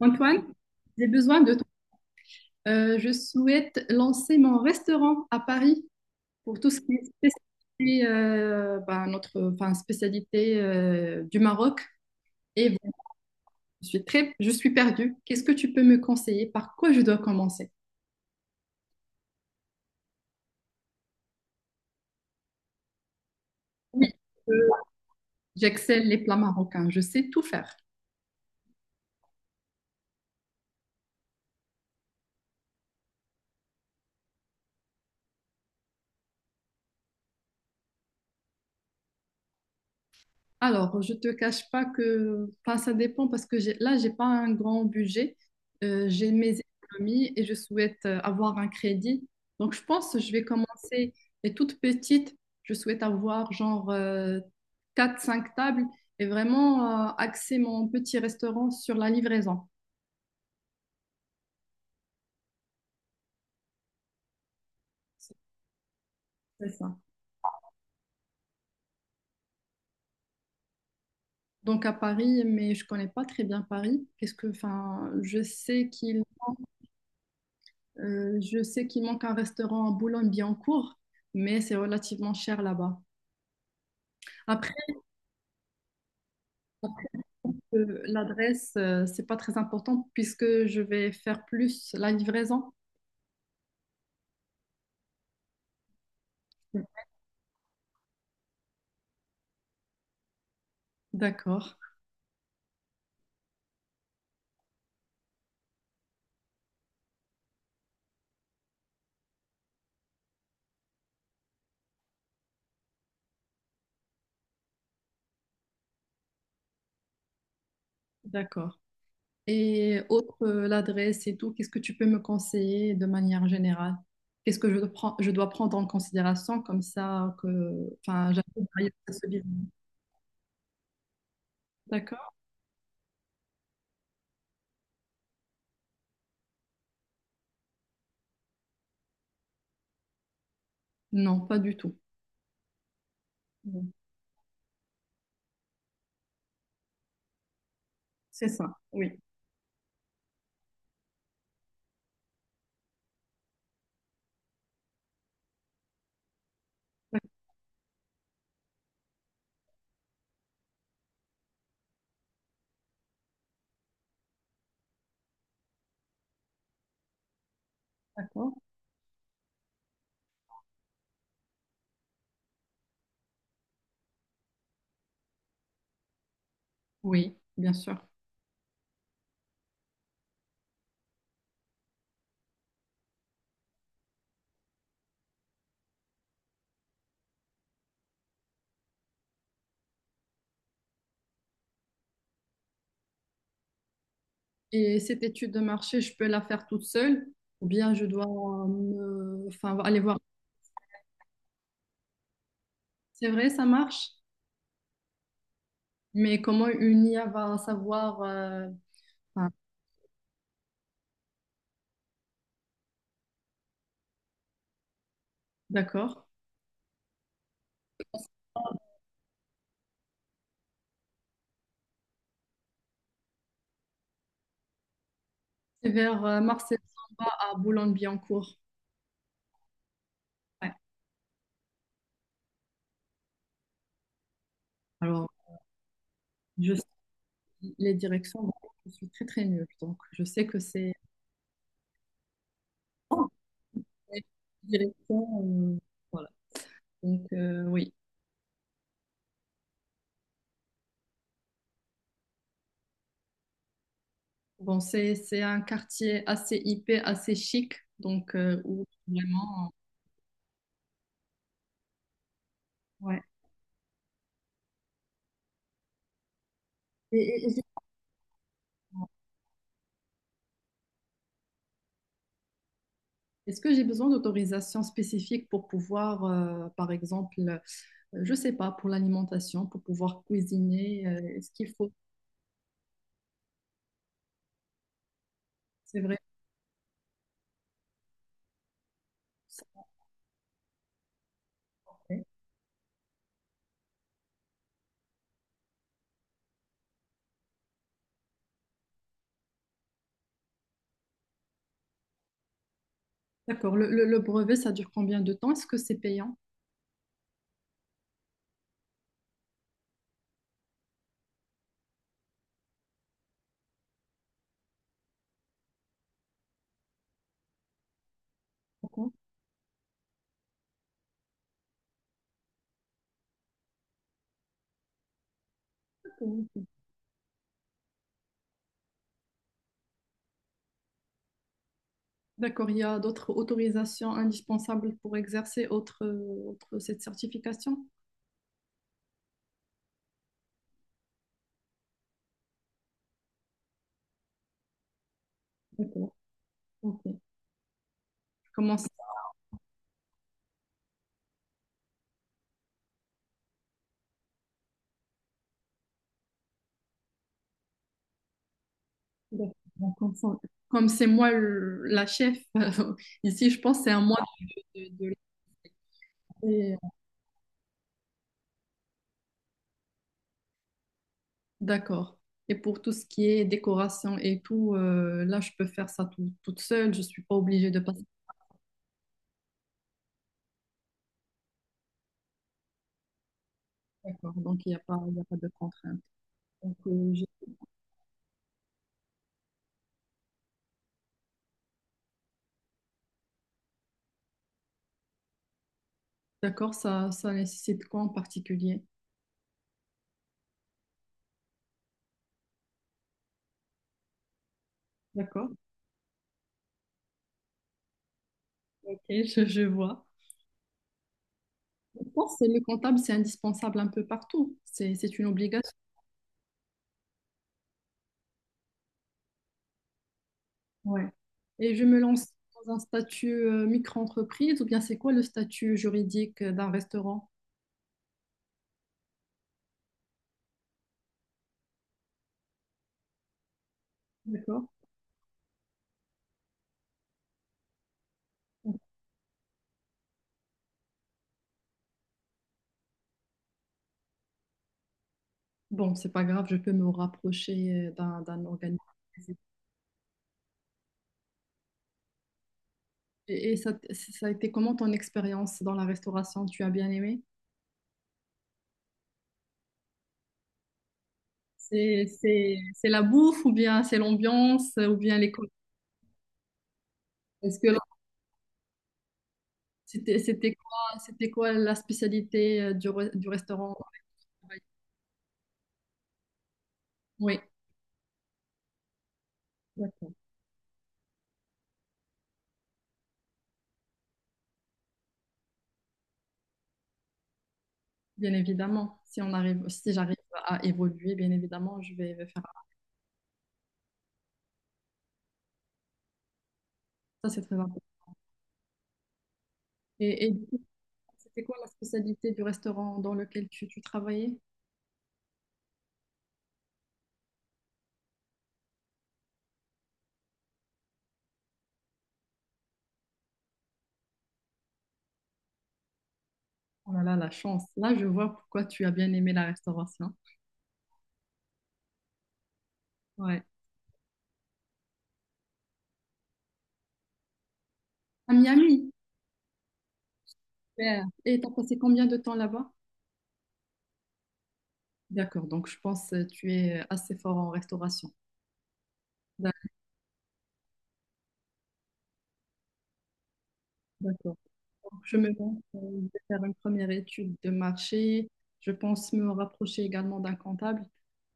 Antoine, j'ai besoin de toi. Je souhaite lancer mon restaurant à Paris pour tout ce qui est spécialité, ben, notre, enfin, spécialité du Maroc. Et bon, je suis perdue. Qu'est-ce que tu peux me conseiller? Par quoi je dois commencer? Oui, euh, j'excelle les plats marocains. Je sais tout faire. Alors, je te cache pas que, enfin, ça dépend parce que j'ai pas un grand budget. J'ai mes économies et je souhaite avoir un crédit. Donc, je pense que je vais commencer. Et toute petite, je souhaite avoir genre quatre, cinq tables et vraiment axer mon petit restaurant sur la livraison. C'est ça. Donc, à Paris, mais je connais pas très bien Paris. Qu'est-ce que, enfin, je sais qu'il manque un restaurant à Boulogne-Billancourt, mais c'est relativement cher là-bas. Après, l'adresse, c'est pas très important puisque je vais faire plus la livraison. D'accord, d'accord. Et autre, l'adresse et tout, qu'est-ce que tu peux me conseiller de manière générale? Qu'est-ce que je dois prendre en considération comme ça que, enfin, j'arrive à y aller. D'accord? Non, pas du tout. Non. C'est ça, oui. D'accord? Oui, bien sûr. Et cette étude de marché, je peux la faire toute seule ou bien je dois enfin, aller voir. C'est vrai, ça marche, mais comment une IA va savoir enfin, d'accord. C'est vers Marseille-Samba à Boulogne-Billancourt. Ouais. Alors, je sais les directions, vraiment, je suis très très nulle. Donc, je sais que c'est oh, les directions. euh, voilà. Donc, oui. Bon, c'est un quartier assez hippé, assez chic. Donc, où vraiment. Ouais. Et est-ce que j'ai besoin d'autorisation spécifique pour pouvoir, par exemple, je ne sais pas, pour l'alimentation, pour pouvoir cuisiner, est-ce qu'il faut, c'est vrai, ça, ouais. D'accord. Le brevet, ça dure combien de temps? Est-ce que c'est payant? Par contre ou- d'accord. Il y a d'autres autorisations indispensables pour exercer cette certification? D'accord. Ok. Je commence. D'accord. Bon, comme c'est moi la chef, ici, je pense que c'est à moi de lancer. D'accord. Et pour tout ce qui est décoration et tout, là, je peux faire ça toute seule. Je ne suis pas obligée de passer. D'accord. Donc, il n'y a pas, il y a pas de contrainte. Donc. D'accord, ça nécessite quoi en particulier? D'accord. Ok, je vois. Je pense que le comptable, c'est indispensable un peu partout. C'est une obligation. Ouais. Et je me lance dans un statut micro-entreprise ou bien c'est quoi le statut juridique d'un restaurant? D'accord. Bon, c'est pas grave, je peux me rapprocher d'un organisme. Et ça, ça a été comment ton expérience dans la restauration? Tu as bien aimé? C'est la bouffe ou bien c'est l'ambiance ou bien les collègues? Est-ce que là, c'était quoi la spécialité du restaurant? Oui, d'accord. Bien évidemment, si on arrive, si j'arrive à évoluer, bien évidemment, je vais faire ça, c'est très important. Et du coup, c'était quoi la spécialité du restaurant dans lequel tu travaillais? Oh là là, la chance. Là, je vois pourquoi tu as bien aimé la restauration. Ouais. À Miami. Super. Et t'as passé combien de temps là-bas? D'accord, donc je pense que tu es assez fort en restauration. D'ac- D'accord. Donc, je me lance, je vais faire une première étude de marché. Je pense me rapprocher également d'un comptable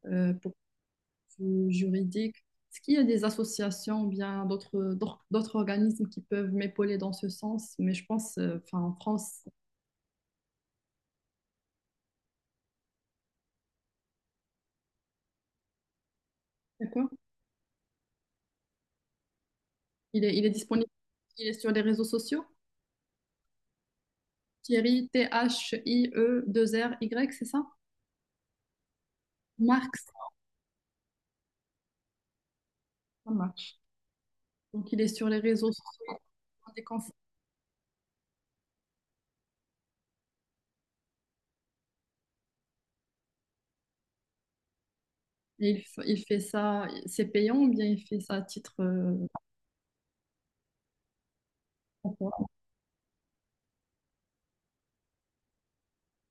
pour le juridique. Est-ce qu'il y a des associations ou bien d'autres organismes qui peuvent m'épauler dans ce sens? Mais je pense, enfin, en France, d'accord, il est disponible, il est sur les réseaux sociaux. Thierry, T-H-I-E-2-R-Y, c'est ça? Marx, ça marche. Donc, il est sur les réseaux sociaux des conférences. Et il fait ça, c'est payant ou bien il fait ça à titre emploi?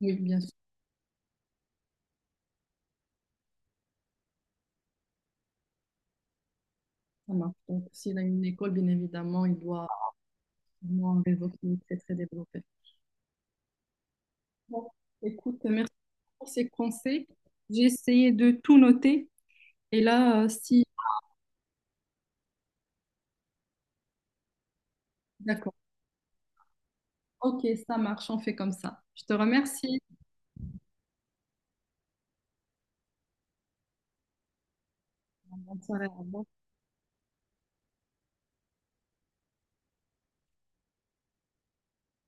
Oui, bien sûr, ça marche. Donc, s'il a une école, bien évidemment, il doit avoir un réseau qui est très, très développé. Bon, écoute, merci pour ces conseils. J'ai essayé de tout noter. Et là, si, d'accord. Ok, ça marche, on fait comme ça. Je te remercie. Bonne soirée. Au revoir.